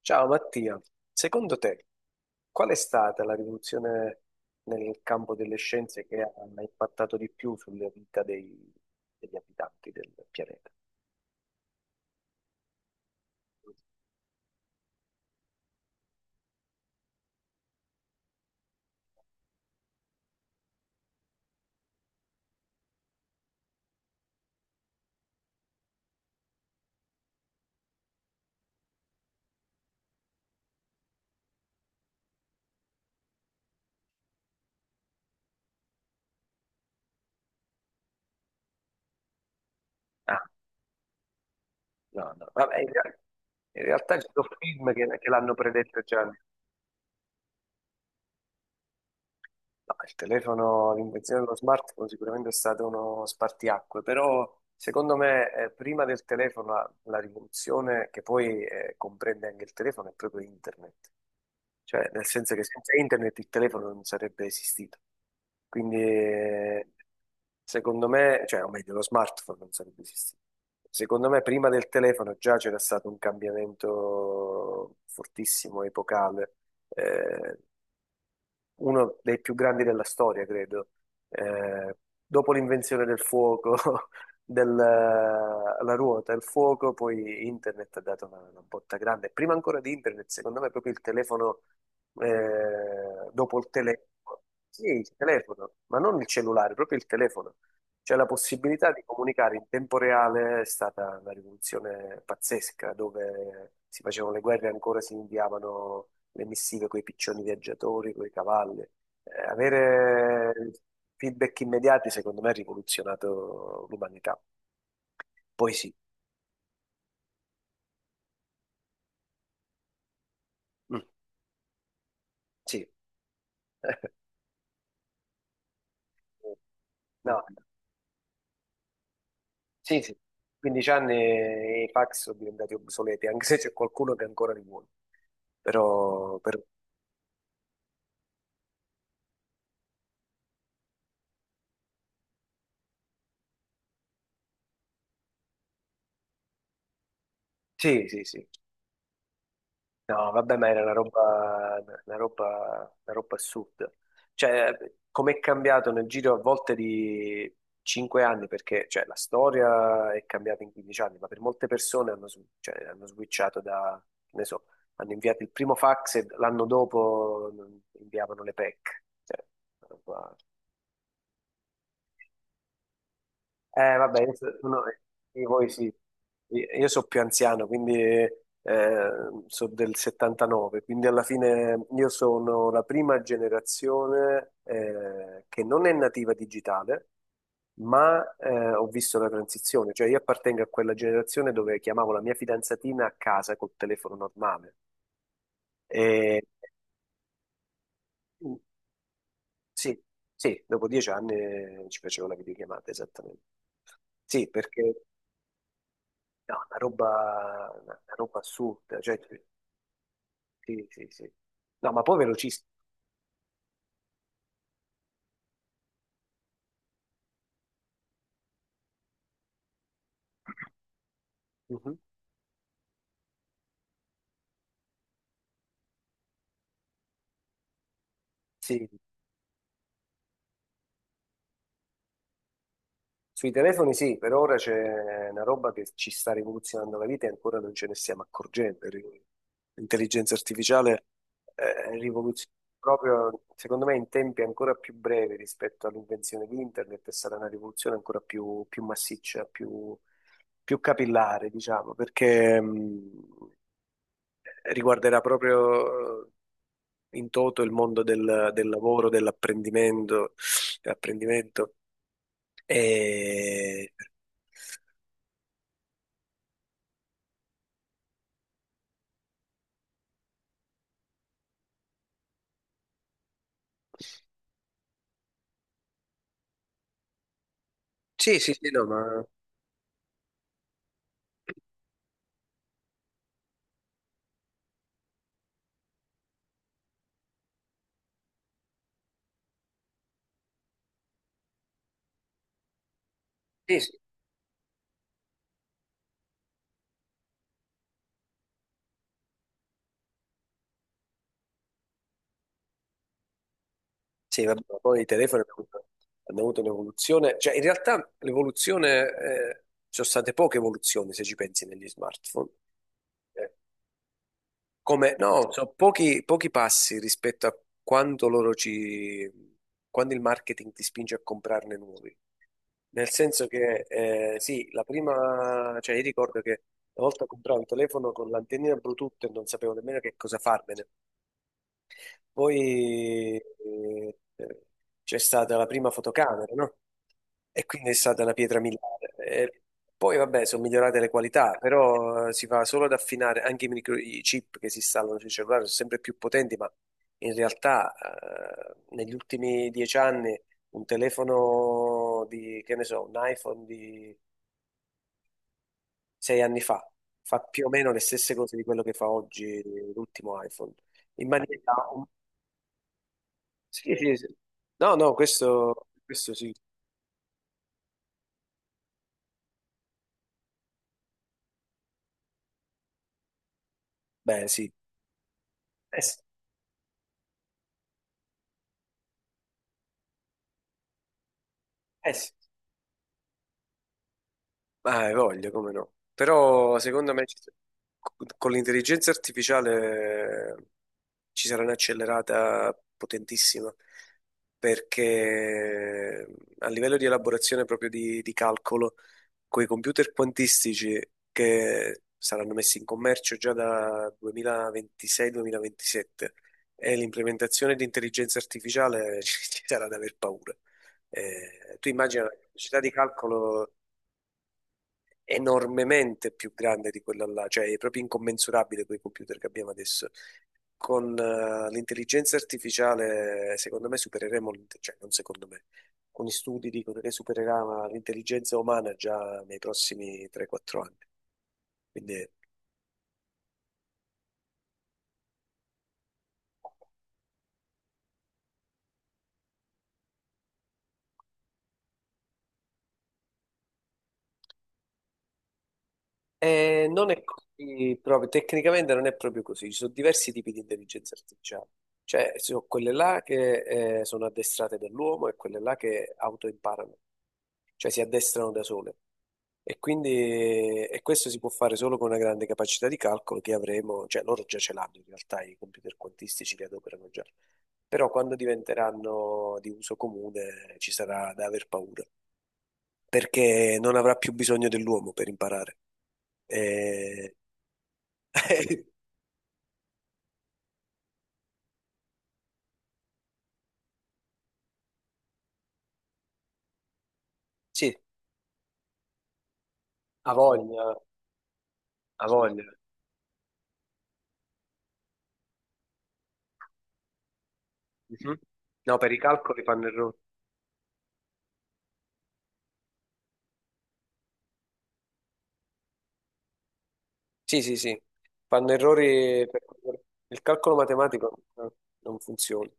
Ciao Mattia, secondo te qual è stata la rivoluzione nel campo delle scienze che ha impattato di più sulla vita degli abitanti del pianeta? Ah, no, no, vabbè, in realtà ci sono film che l'hanno predetto già. No, il telefono, l'invenzione dello smartphone sicuramente è stato uno spartiacque, però secondo me prima del telefono la rivoluzione che poi comprende anche il telefono è proprio internet. Cioè, nel senso che senza internet il telefono non sarebbe esistito. Quindi, secondo me, cioè, o meglio, lo smartphone non sarebbe esistito. Secondo me, prima del telefono già c'era stato un cambiamento fortissimo, epocale, eh, uno dei più grandi della storia, credo. Eh, Dopo l'invenzione del fuoco, della la ruota, il fuoco, poi internet ha dato una botta grande. Prima ancora di internet, secondo me, proprio il telefono, dopo il telefono, sì, il telefono, ma non il cellulare, proprio il telefono. Cioè la possibilità di comunicare in tempo reale è stata una rivoluzione pazzesca, dove si facevano le guerre e ancora si inviavano le missive con i piccioni viaggiatori, con i cavalli. Avere feedback immediati, secondo me, ha rivoluzionato l'umanità. Poi sì. Mm. Sì. No, sì, sì. 15 anni i fax sono diventati obsoleti, anche se c'è qualcuno che ancora li vuole. Però, però- sì, sì, sì. No, vabbè, ma era una roba assurda. Cioè, com'è cambiato nel giro a volte di 5 anni, perché cioè, la storia è cambiata in 15 anni, ma per molte persone hanno, cioè, hanno switchato da, che ne so, hanno inviato il primo fax e l'anno dopo inviavano le PEC. Una roba- vabbè, io so- no, voi sì. Io sono più anziano, quindi sono del 79, quindi alla fine io sono la prima generazione che non è nativa digitale, ma ho visto la transizione, cioè io appartengo a quella generazione dove chiamavo la mia fidanzatina a casa col telefono normale. E sì, sì, dopo 10 anni ci facevo la videochiamata, esattamente. Sì, perché no, una roba assurda, cioè, sì, sì, sì. No, ma poi velocissimo. Mhm. Sì, sui telefoni sì, per ora c'è una roba che ci sta rivoluzionando la vita e ancora non ce ne stiamo accorgendo. L'intelligenza artificiale rivoluziona proprio, secondo me, in tempi ancora più brevi rispetto all'invenzione di internet, è stata una rivoluzione ancora più massiccia, più capillare, diciamo, perché riguarderà proprio in toto il mondo del lavoro, dell'apprendimento. E... sì, sì, sì. No, ma sì, sì. Sì, vabbè, ma poi i telefoni hanno avuto un'evoluzione, cioè in realtà l'evoluzione, ci sono state poche evoluzioni se ci pensi negli smartphone. Eh, Come, no, so pochi passi rispetto a quando loro ci, quando il marketing ti spinge a comprarne nuovi. Nel senso che, sì, la prima, cioè io ricordo che una volta compravo un telefono con l'antennina Bluetooth e non sapevo nemmeno che cosa farmene. Poi c'è stata la prima fotocamera, no? E quindi è stata una pietra miliare. E poi vabbè, sono migliorate le qualità, però si va solo ad affinare anche i chip che si installano sui cellulari, sono sempre più potenti, ma in realtà negli ultimi 10 anni un telefono di, che ne so, un iPhone di 6 anni fa fa più o meno le stesse cose di quello che fa oggi l'ultimo iPhone in maniera sì, sì, sì. No, no, questo sì. Beh, sì. Eh sì, eh sì. Ma hai voglia, come no. Però secondo me ci- Con l'intelligenza artificiale ci sarà un'accelerata potentissima perché a livello di elaborazione proprio di calcolo coi computer quantistici che saranno messi in commercio già da 2026-2027 e l'implementazione di intelligenza artificiale ci sarà da aver paura. Tu immagina la capacità di calcolo enormemente più grande di quella là, cioè è proprio incommensurabile quei computer che abbiamo adesso. Con l'intelligenza artificiale, secondo me, cioè non secondo me, alcuni studi dicono che supererà l'intelligenza umana già nei prossimi 3-4 anni. Quindi non è così proprio, tecnicamente non è proprio così, ci sono diversi tipi di intelligenza artificiale. Cioè, ci sono quelle là che sono addestrate dall'uomo e quelle là che autoimparano, cioè si addestrano da sole. E quindi e questo si può fare solo con una grande capacità di calcolo che avremo, cioè loro già ce l'hanno in realtà, i computer quantistici li adoperano già, però quando diventeranno di uso comune ci sarà da aver paura, perché non avrà più bisogno dell'uomo per imparare. E- Sì, ha voglia, ha voglia. Mhm. No, per i calcoli fanno errori. Sì, sì, sì, fanno errori per... Il calcolo matematico non funziona.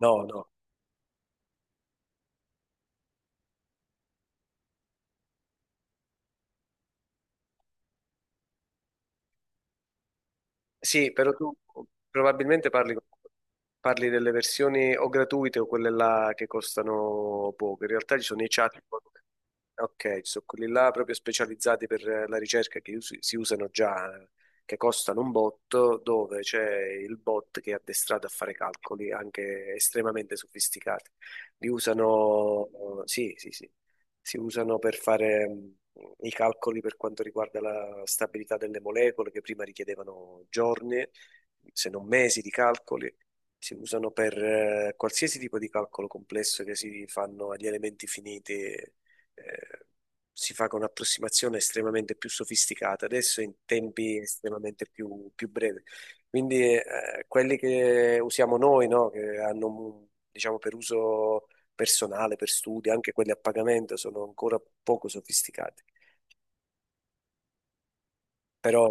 No, no. Sì, però tu probabilmente parli, parli delle versioni o gratuite o quelle là che costano poco. In realtà ci sono i chatbot. Ok, ci sono quelli là proprio specializzati per la ricerca si usano già, che costano un botto, dove c'è il bot che è addestrato a fare calcoli anche estremamente sofisticati. Li usano, sì, sì, sì, si usano per fare i calcoli per quanto riguarda la stabilità delle molecole, che prima richiedevano giorni, se non mesi di calcoli. Si usano per qualsiasi tipo di calcolo complesso che si fanno agli elementi finiti. Si fa con un'approssimazione estremamente più sofisticata, adesso in tempi estremamente più brevi. Quindi quelli che usiamo noi, no, che hanno, diciamo, per uso personale per studi, anche quelli a pagamento sono ancora poco sofisticati. Però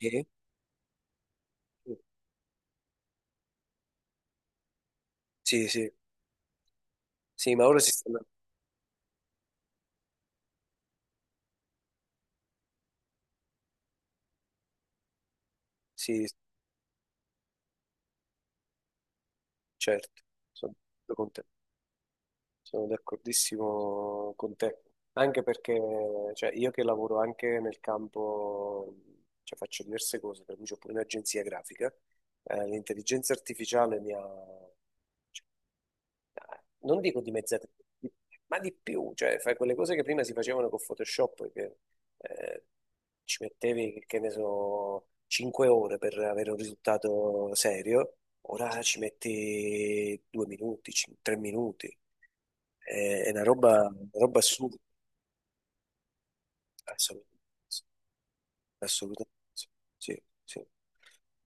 eh, sì, sì, sì, ma ora si stanno, sì, certo, sono d'accordo con te, sono d'accordissimo con te, anche perché cioè, io che lavoro anche nel campo, cioè faccio diverse cose, per cui ho pure un'agenzia grafica, l'intelligenza artificiale mi ha non dico dimezzate, ma di più, cioè fai quelle cose che prima si facevano con Photoshop, che eh, ci mettevi, che ne so, 5 ore per avere un risultato serio, ora ci metti 2 minuti, 3 minuti, è una roba assurda, assolutamente, assolutamente. Sì, sì.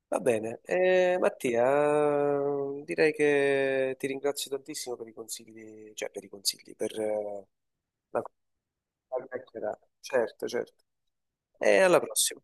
Va bene, Mattia, direi che ti ringrazio tantissimo per i consigli, cioè per i consigli, per la la chiacchierata. Certo, certo. E alla prossima.